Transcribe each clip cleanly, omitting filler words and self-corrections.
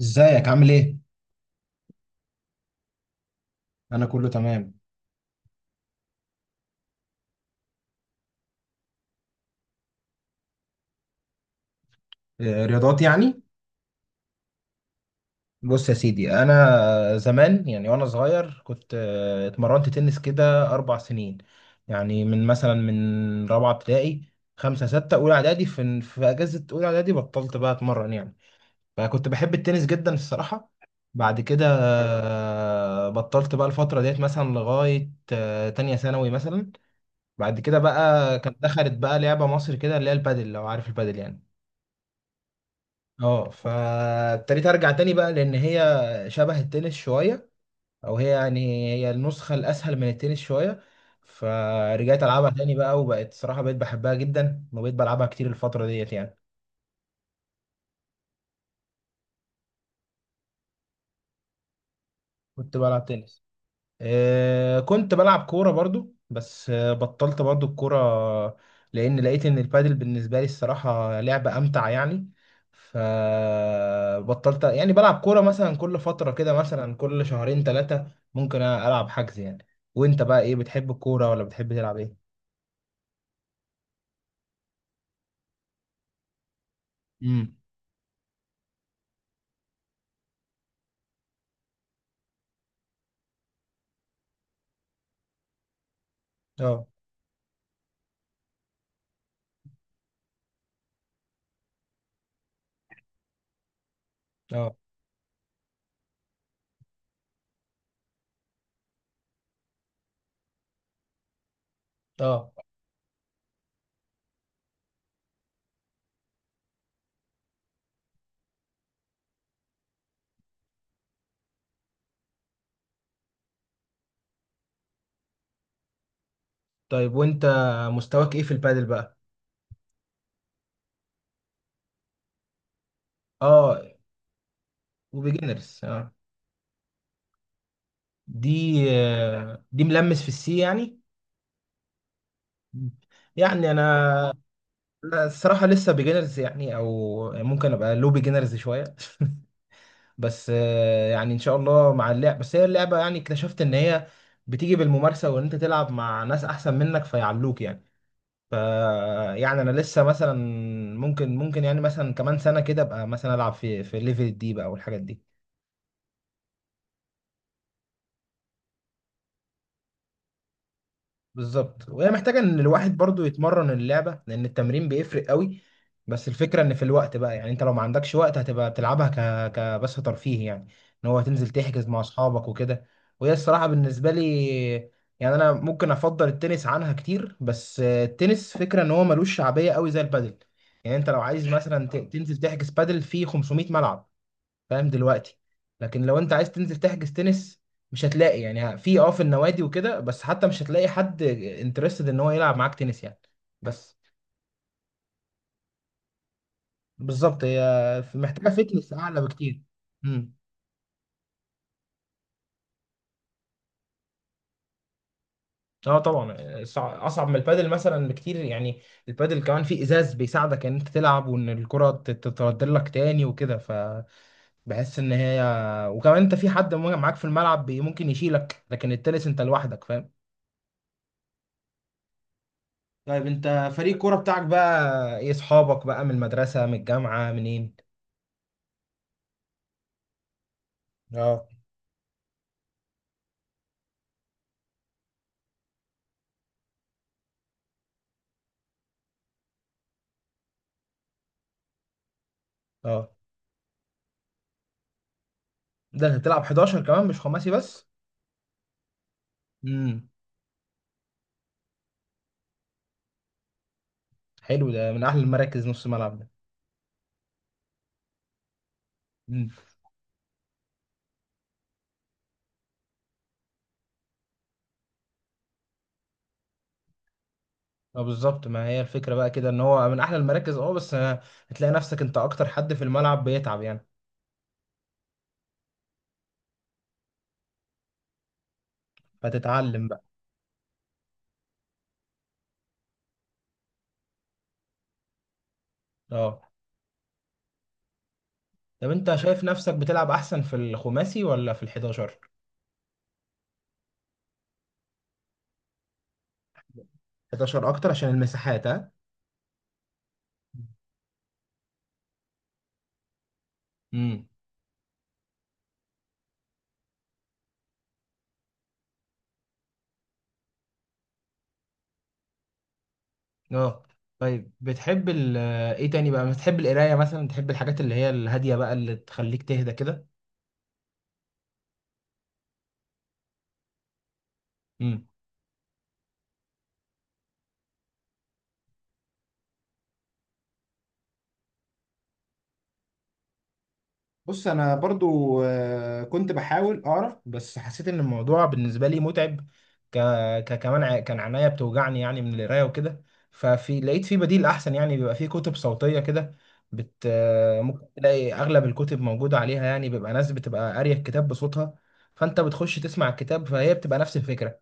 ازيك عامل ايه؟ انا كله تمام. آه، رياضات يعني. بص يا سيدي، انا زمان يعني وانا صغير كنت اتمرنت تنس كده اربع سنين، يعني من مثلا من رابعه ابتدائي خمسه سته اولى اعدادي. في اجازه اولى اعدادي بطلت بقى اتمرن يعني، فكنت بحب التنس جدا الصراحه. بعد كده بطلت بقى الفتره ديت مثلا لغايه تانية ثانوي مثلا. بعد كده بقى كانت دخلت بقى لعبه مصر كده اللي هي البادل، لو عارف البادل يعني. اه، فابتديت ارجع تاني بقى لان هي شبه التنس شويه، او هي يعني هي النسخه الاسهل من التنس شويه. فرجعت العبها تاني بقى، وبقت صراحه بقيت بحبها جدا وبقيت بلعبها كتير الفتره ديت يعني. كنت بلعب تنس، كنت بلعب كورة برضو، بس بطلت برضو الكورة، لأن لقيت إن البادل بالنسبة لي الصراحة لعبة أمتع يعني. فبطلت يعني بلعب كورة، مثلا كل فترة كده، مثلا كل شهرين ثلاثة ممكن ألعب حجز يعني. وأنت بقى إيه، بتحب الكورة ولا بتحب تلعب إيه؟ امم اه. اه. اه، طيب وانت مستواك ايه في البادل بقى؟ اه، وبيجنرز اه. دي دي ملمس في السي يعني. يعني انا، لا الصراحة لسه بيجنرز يعني، او ممكن ابقى لو بيجنرز شوية. بس يعني ان شاء الله مع اللعب، بس هي اللعبة يعني اكتشفت ان هي بتيجي بالممارسة، وان انت تلعب مع ناس احسن منك فيعلوك يعني. ف يعني انا لسه مثلا ممكن يعني مثلا كمان سنة كده ابقى مثلا العب في ليفل الدي بقى والحاجات دي. بالظبط، وهي محتاجة ان الواحد برضو يتمرن اللعبة، لان التمرين بيفرق قوي. بس الفكرة ان في الوقت بقى، يعني انت لو ما عندكش وقت هتبقى بتلعبها كبس ترفيه يعني، ان هو هتنزل تحجز مع اصحابك وكده. وهي الصراحة بالنسبة لي، يعني انا ممكن افضل التنس عنها كتير، بس التنس فكرة ان هو ملوش شعبية قوي زي البادل. يعني انت لو عايز مثلا تنزل تحجز بادل في 500 ملعب، فاهم دلوقتي؟ لكن لو انت عايز تنزل تحجز تنس، مش هتلاقي يعني في اه في النوادي وكده، بس حتى مش هتلاقي حد انترستد ان هو يلعب معاك تنس يعني. بس بالظبط، هي محتاجه فتنس اعلى بكتير. امم اه طبعا. اصعب من البادل مثلا بكتير يعني. البادل كمان فيه ازاز بيساعدك ان انت تلعب، وان الكره تتردل لك تاني وكده، فبحس ان هي، وكمان انت في حد معاك في الملعب ممكن يشيلك، لكن التنس انت لوحدك، فاهم؟ طيب، انت فريق الكوره بتاعك بقى ايه؟ اصحابك بقى من المدرسه، من الجامعه، منين؟ اه. اه، ده انت بتلعب 11 كمان، مش خماسي بس؟ امم حلو، ده من احلى المراكز نص ملعب ده. امم اه، بالظبط، ما هي الفكره بقى كده ان هو من احلى المراكز، اه بس هتلاقي نفسك انت اكتر حد في الملعب بيتعب يعني. فتتعلم بقى. اه، طب انت شايف نفسك بتلعب احسن في الخماسي ولا في ال 11؟ 11 اكتر عشان المساحات، ها؟ امم اه. طيب، بتحب ال ايه تاني بقى؟ بتحب القرايه مثلا؟ بتحب الحاجات اللي هي الهاديه بقى، اللي تخليك تهدى كده؟ امم بص انا برضو كنت بحاول اقرا، بس حسيت ان الموضوع بالنسبه لي متعب. ك... كمان كان عينيا بتوجعني يعني من القرايه وكده. ففي لقيت في بديل احسن يعني، بيبقى في كتب صوتيه كده بت آه، ممكن تلاقي اغلب الكتب موجوده عليها. يعني بيبقى ناس بتبقى قاريه الكتاب بصوتها، فانت بتخش تسمع الكتاب، فهي بتبقى نفس الفكره.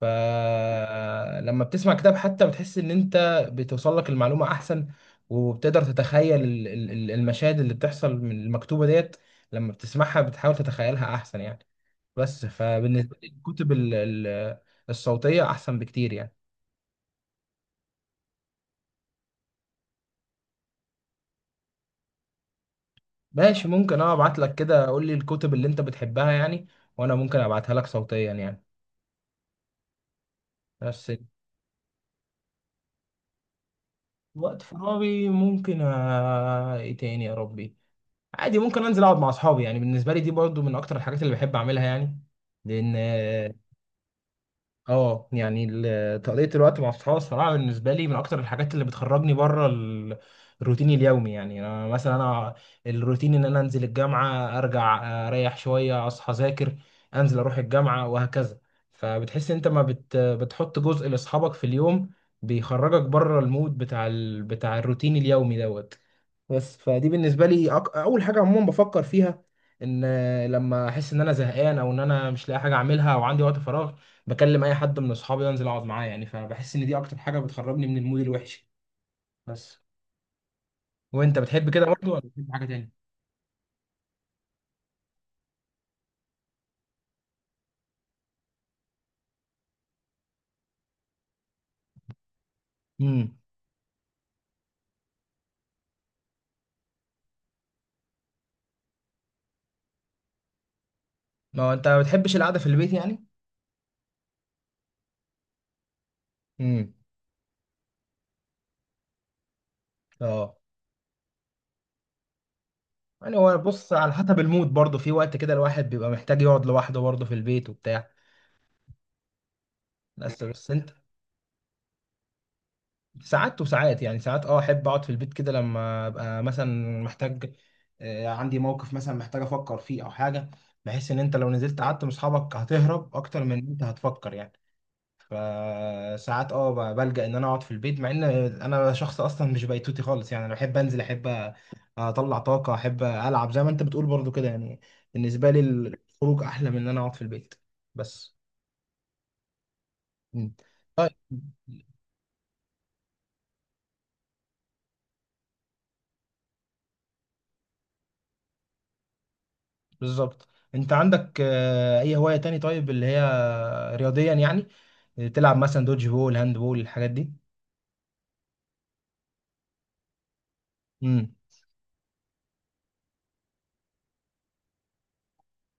فلما بتسمع كتاب، حتى بتحس ان انت بتوصل لك المعلومة احسن، وبتقدر تتخيل المشاهد اللي بتحصل من المكتوبة ديت، لما بتسمعها بتحاول تتخيلها احسن يعني. بس فبالنسبة لي الكتب الصوتية احسن بكتير يعني. ماشي، ممكن اه ابعت لك كده، قول لي الكتب اللي انت بتحبها يعني، وانا ممكن ابعتها لك صوتيا يعني. بس، وقت فراغي ممكن ايه تاني يا ربي، عادي ممكن انزل اقعد مع اصحابي، يعني بالنسبه لي دي برضو من اكتر الحاجات اللي بحب اعملها يعني، لان اه، آه، يعني تقضيه الوقت مع اصحابي الصراحه بالنسبه لي من اكتر الحاجات اللي بتخرجني بره ال الروتين اليومي، يعني انا مثلا انا الروتين ان انا انزل الجامعه، ارجع اريح شويه، اصحى اذاكر، انزل اروح الجامعه وهكذا. فبتحس انت ما بتحط جزء لاصحابك في اليوم بيخرجك بره المود بتاع الروتين اليومي دوت. بس فدي بالنسبه لي اول حاجه عموما بفكر فيها، ان لما احس ان انا زهقان، او ان انا مش لاقي حاجه اعملها، او عندي وقت فراغ، بكلم اي حد من اصحابي، انزل اقعد معاه، يعني فبحس ان دي اكتر حاجه بتخرجني من المود الوحش بس. وانت بتحب كده برضه ولا بتحب حاجه تاني؟ امم ما هو انت ما بتحبش القعده في البيت يعني؟ امم اه، يعني هو بص، على حسب المود برضه، في وقت كده الواحد بيبقى محتاج يقعد لوحده برضه في البيت وبتاع. بس انت، ساعات وساعات، يعني ساعات اه احب اقعد في البيت كده لما ابقى مثلا محتاج، عندي موقف مثلا محتاج افكر فيه او حاجه، بحيث ان انت لو نزلت قعدت مع اصحابك هتهرب اكتر من ان انت هتفكر يعني. فساعات اه بلجأ ان انا اقعد في البيت، مع ان انا شخص اصلا مش بيتوتي خالص يعني، انا بحب انزل، احب اطلع طاقه، احب العب زي ما انت بتقول برضو كده يعني. بالنسبه لي الخروج احلى من ان انا اقعد في البيت. بس مم. طيب بالظبط. انت عندك اي هواية تاني طيب، اللي هي رياضيا يعني، تلعب مثلا دوج بول، هاند بول، الحاجات دي؟ امم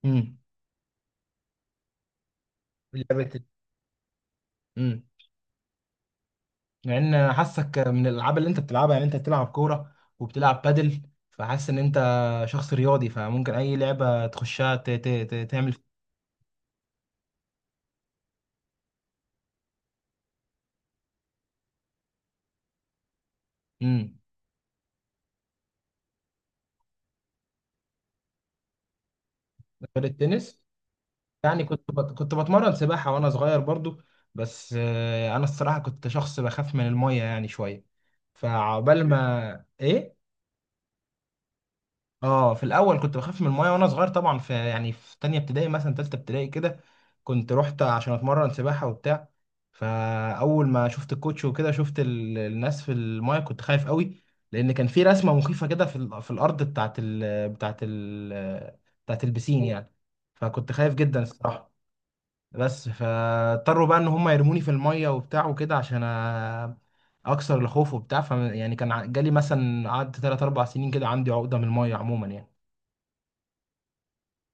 امم لعبة. امم لان انا حاسك من الالعاب اللي انت بتلعبها يعني، انت بتلعب كورة وبتلعب بادل، فحاسس ان انت شخص رياضي، فممكن اي لعبة تخشها تعمل. امم غير التنس، يعني كنت بتمرن سباحة وانا صغير برضو، بس انا الصراحة كنت شخص بخاف من المية يعني شوية، فعقبال ما ايه. اه، في الاول كنت بخاف من المايه وانا صغير طبعا، في يعني في تانية ابتدائي مثلا، تالتة ابتدائي كده، كنت رحت عشان اتمرن سباحة وبتاع، فاول ما شفت الكوتش وكده، شفت الناس في المايه كنت خايف قوي، لان كان في رسمة مخيفة كده في الارض بتاعت البسين يعني، فكنت خايف جدا الصراحة. بس فاضطروا بقى ان هم يرموني في المايه وبتاع وكده عشان اكسر الخوف وبتاع، ف يعني كان جالي مثلا، قعدت 3 4 سنين كده عندي عقدة من المايه عموما يعني